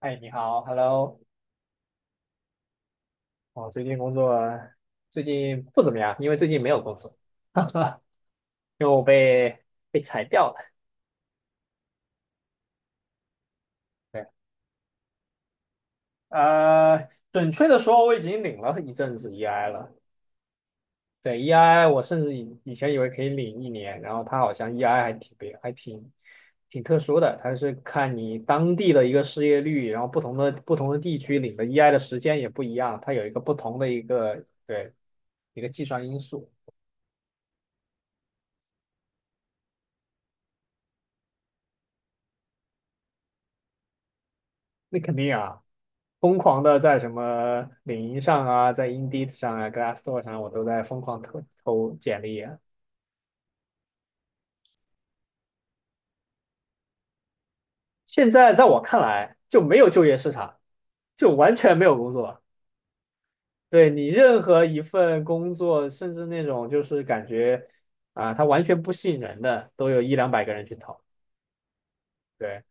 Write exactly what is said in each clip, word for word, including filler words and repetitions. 哎，你好，Hello。哦，最近工作最近不怎么样，因为最近没有工作，哈哈，因为我被被裁掉了。对。呃，准确的说，我已经领了一阵子 E I 了。对，E I 我甚至以以前以为可以领一年。然后它好像 E I 还挺别，还挺挺特殊的。它是看你当地的一个失业率，然后不同的不同的地区领的 E I 的时间也不一样，它有一个不同的一个，对，一个计算因素。那肯定啊。疯狂的在什么领英上啊，在 Indeed 上啊，Glassdoor 上，我都在疯狂投投简历啊。现在在我看来，就没有就业市场，就完全没有工作。对。你任何一份工作，甚至那种就是感觉啊，它完全不吸引人的，都有一两百个人去投。对。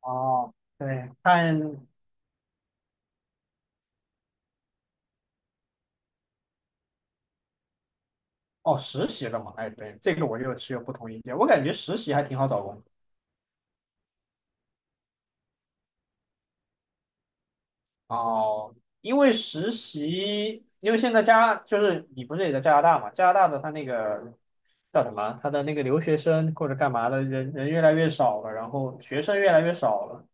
哦，对，看。哦，实习的嘛，哎，对，这个我就持有不同意见。我感觉实习还挺好找工哦，因为实习，因为现在加就是你不是也在加拿大嘛？加拿大的他那个叫什么？他的那个留学生或者干嘛的人人越来越少了，然后学生越来越少了。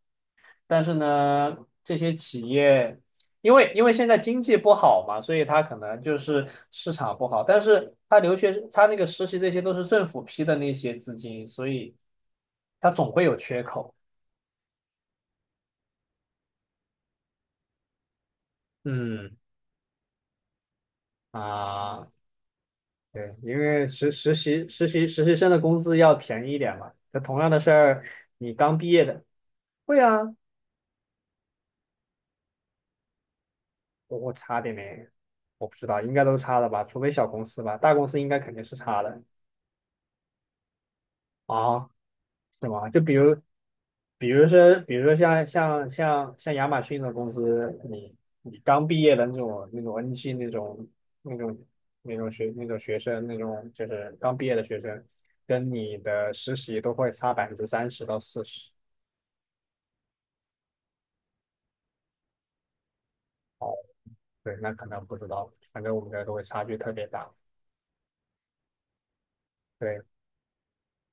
但是呢，这些企业因为因为现在经济不好嘛，所以他可能就是市场不好。但是他留学他那个实习这些都是政府批的那些资金，所以他总会有缺口。嗯。啊。对，因为实实习实习实习生的工资要便宜一点嘛。那同样的事儿，你刚毕业的，会啊。我我差点没，我不知道，应该都差了吧，除非小公司吧，大公司应该肯定是差的啊。是吗？就比如，比如说，比如说像像像像亚马逊的公司，你你刚毕业的那种那种 N G 那种那种那种学那种学生那种就是刚毕业的学生，跟你的实习都会差百分之三十到四十。哦，对，那可能不知道，反正我们这儿都会差距特别大。对，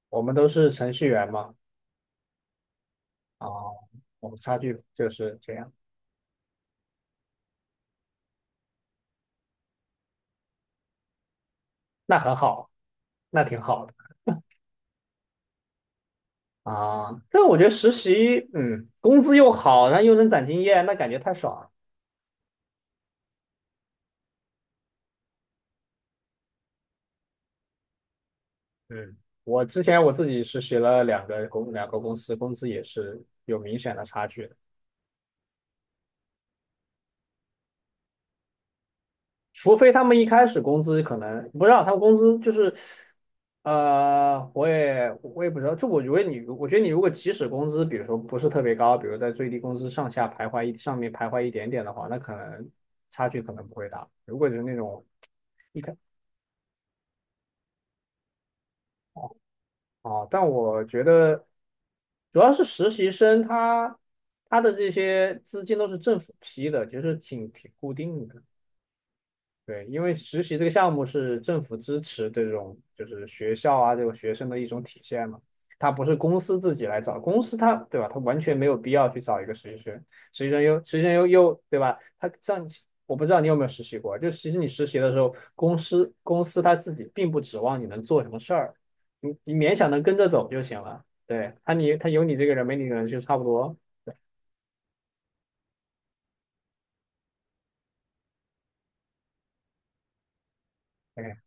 我们都是程序员嘛。啊、我们差距就是这样，那很好，那挺好的啊。但我觉得实习，嗯，工资又好，然后又能攒经验，那感觉太爽了。嗯，我之前我自己实习了两个公两个公司，工资也是有明显的差距。除非他们一开始工资可能不知道，他们工资就是，呃，我也我也不知道。就我觉得你，我觉得你如果即使工资，比如说不是特别高，比如在最低工资上下徘徊一上面徘徊一点点的话，那可能差距可能不会大。如果就是那种一开啊。但我觉得主要是实习生他他的这些资金都是政府批的，就是挺挺固定的。对，因为实习这个项目是政府支持这种就是学校啊这种学生的一种体现嘛，它不是公司自己来找，公司它对吧，它完全没有必要去找一个实习生。实习生又实习生又又对吧。他上我不知道你有没有实习过，就其实你实习的时候，公司公司他自己并不指望你能做什么事儿，你你勉强能跟着走就行了，对。他你他有你这个人没你的人就差不多，对，大概。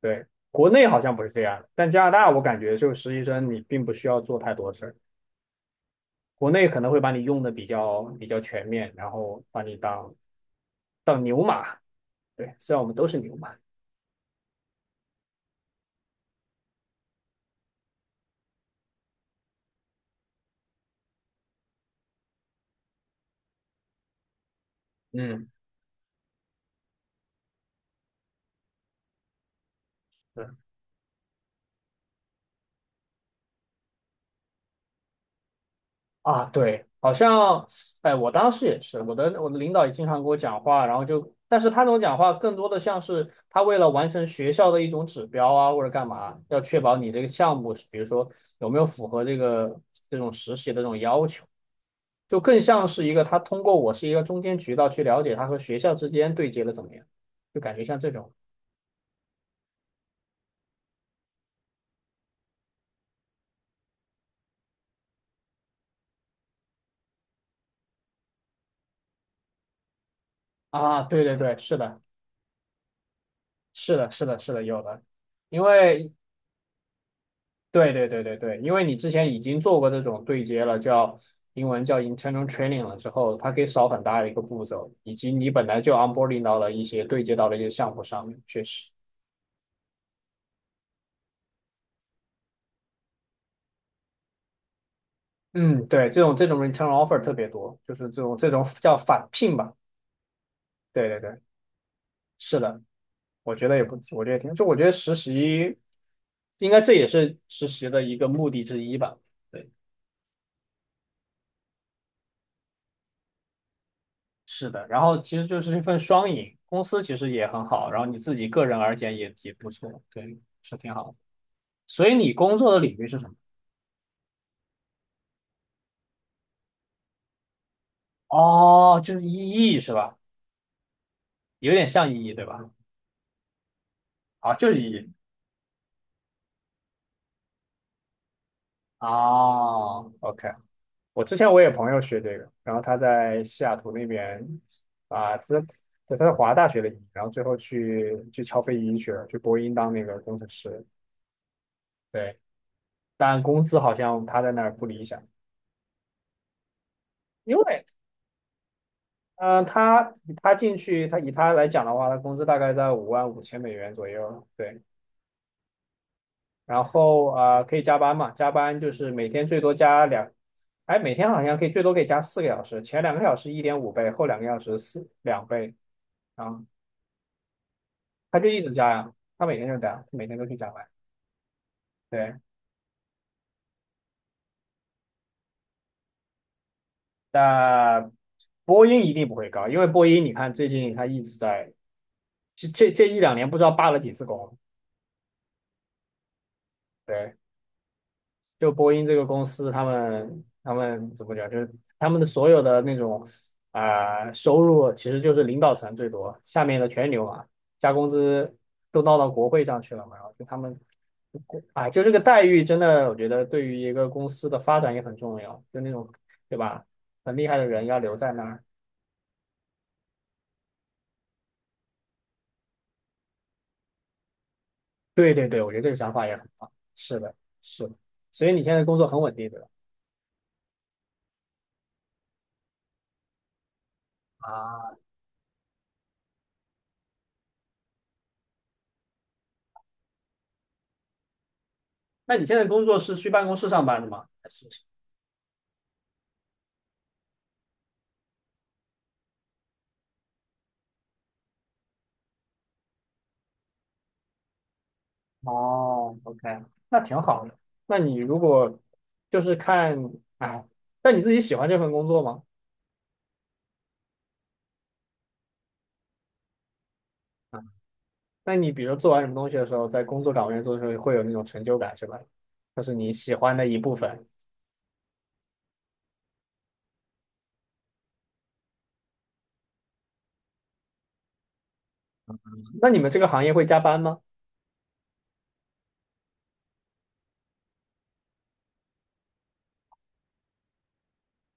对，国内好像不是这样的，但加拿大我感觉就是实习生你并不需要做太多事儿。国内可能会把你用的比较比较全面，然后把你当当牛马。对，虽然我们都是牛马。嗯，对啊，对，好像。哎，我当时也是，我的我的领导也经常给我讲话，然后就。但是他那种讲话更多的像是他为了完成学校的一种指标啊，或者干嘛，要确保你这个项目比如说有没有符合这个这种实习的这种要求。就更像是一个他通过我是一个中间渠道去了解他和学校之间对接的怎么样，就感觉像这种。啊，对对对，是的，是的，是的，是的，有的。因为对对对对对，因为你之前已经做过这种对接了，叫英文叫 internal training 了之后，它可以少很大的一个步骤，以及你本来就 onboarding 到了一些对接到了一些项目上面，确实。嗯，对，这种这种 return offer 特别多，就是这种这种叫返聘吧，对对对，是的。我觉得也不，我觉得也挺，就我觉得实习，应该这也是实习的一个目的之一吧。对，是的。然后其实就是一份双赢，公司其实也很好，然后你自己个人而言也也不错，对，是挺好的。所以你工作的领域是什么？哦，就是 EE 是吧？有点像 EE 对吧？啊，就是 EE。哦，OK。我之前我也有朋友学这个，然后他在西雅图那边。啊，他对，他在华大学的医然后最后去去敲飞机去了，去波音当那个工程师。对，但工资好像他在那儿不理想。因为嗯、呃他他进去，他以他来讲的话，他工资大概在五万五千美元左右。对。然后啊、呃可以加班嘛，加班就是每天最多加两。哎，每天好像可以最多可以加四个小时，前两个小时一点五倍，后两个小时四两倍啊。他就一直加呀，他每天就加，每天都去加班。对，但波音一定不会高，因为波音你看最近他一直在。这这这一两年不知道罢了几次工。对，就波音这个公司，他们他们怎么讲，就是他们的所有的那种啊、呃收入，其实就是领导层最多，下面的全牛嘛，加工资都闹到国会上去了嘛，然后就他们啊，就这个待遇真的，我觉得对于一个公司的发展也很重要，就那种，对吧？很厉害的人要留在那儿。对对对，我觉得这个想法也很好。是的，是的。所以你现在工作很稳定，对吧？啊，那你现在工作是去办公室上班的吗？还是？哦，OK，那挺好的。那你如果就是看，哎，那你自己喜欢这份工作吗？啊，那你比如做完什么东西的时候，在工作岗位上做的时候，会有那种成就感，是吧？那是你喜欢的一部分。那你们这个行业会加班吗？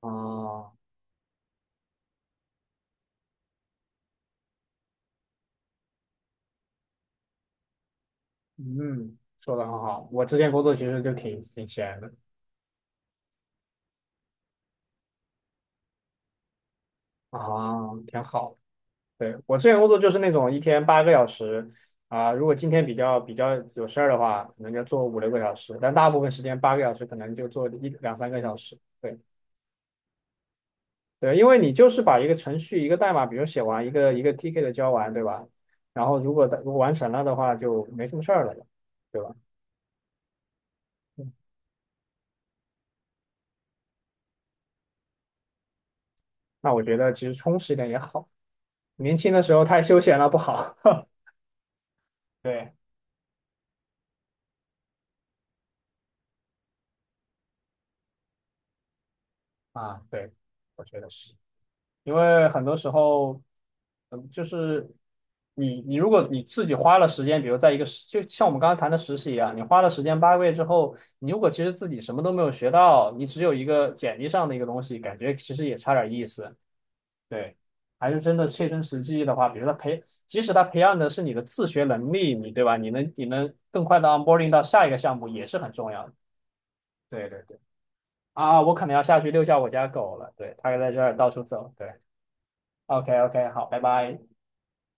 啊，嗯，说的很好。我之前工作其实就挺挺闲的。啊，挺好的。对，我之前工作就是那种一天八个小时啊。如果今天比较比较有事儿的话，可能就做五六个小时，但大部分时间八个小时可能就做一两三个小时。对对，因为你就是把一个程序一个代码，比如写完一个一个 T K 的交完，对吧？然后如果如果完成了的话，就没什么事儿了，对吧？嗯，那我觉得其实充实一点也好。年轻的时候太休闲了，不好。对啊，对，我觉得是。因为很多时候，嗯就是你你如果你自己花了时间，比如在一个实，就像我们刚刚谈的实习一样，你花了时间八个月之后，你如果其实自己什么都没有学到，你只有一个简历上的一个东西，感觉其实也差点意思。对，还是真的切身实际的话，比如他培，即使他培养的是你的自学能力，你对吧？你能你能更快的 onboarding 到下一个项目也是很重要的。对对对。啊，我可能要下去遛一下我家狗了。对，它在这儿到处走。对，OK， OK，好，拜拜。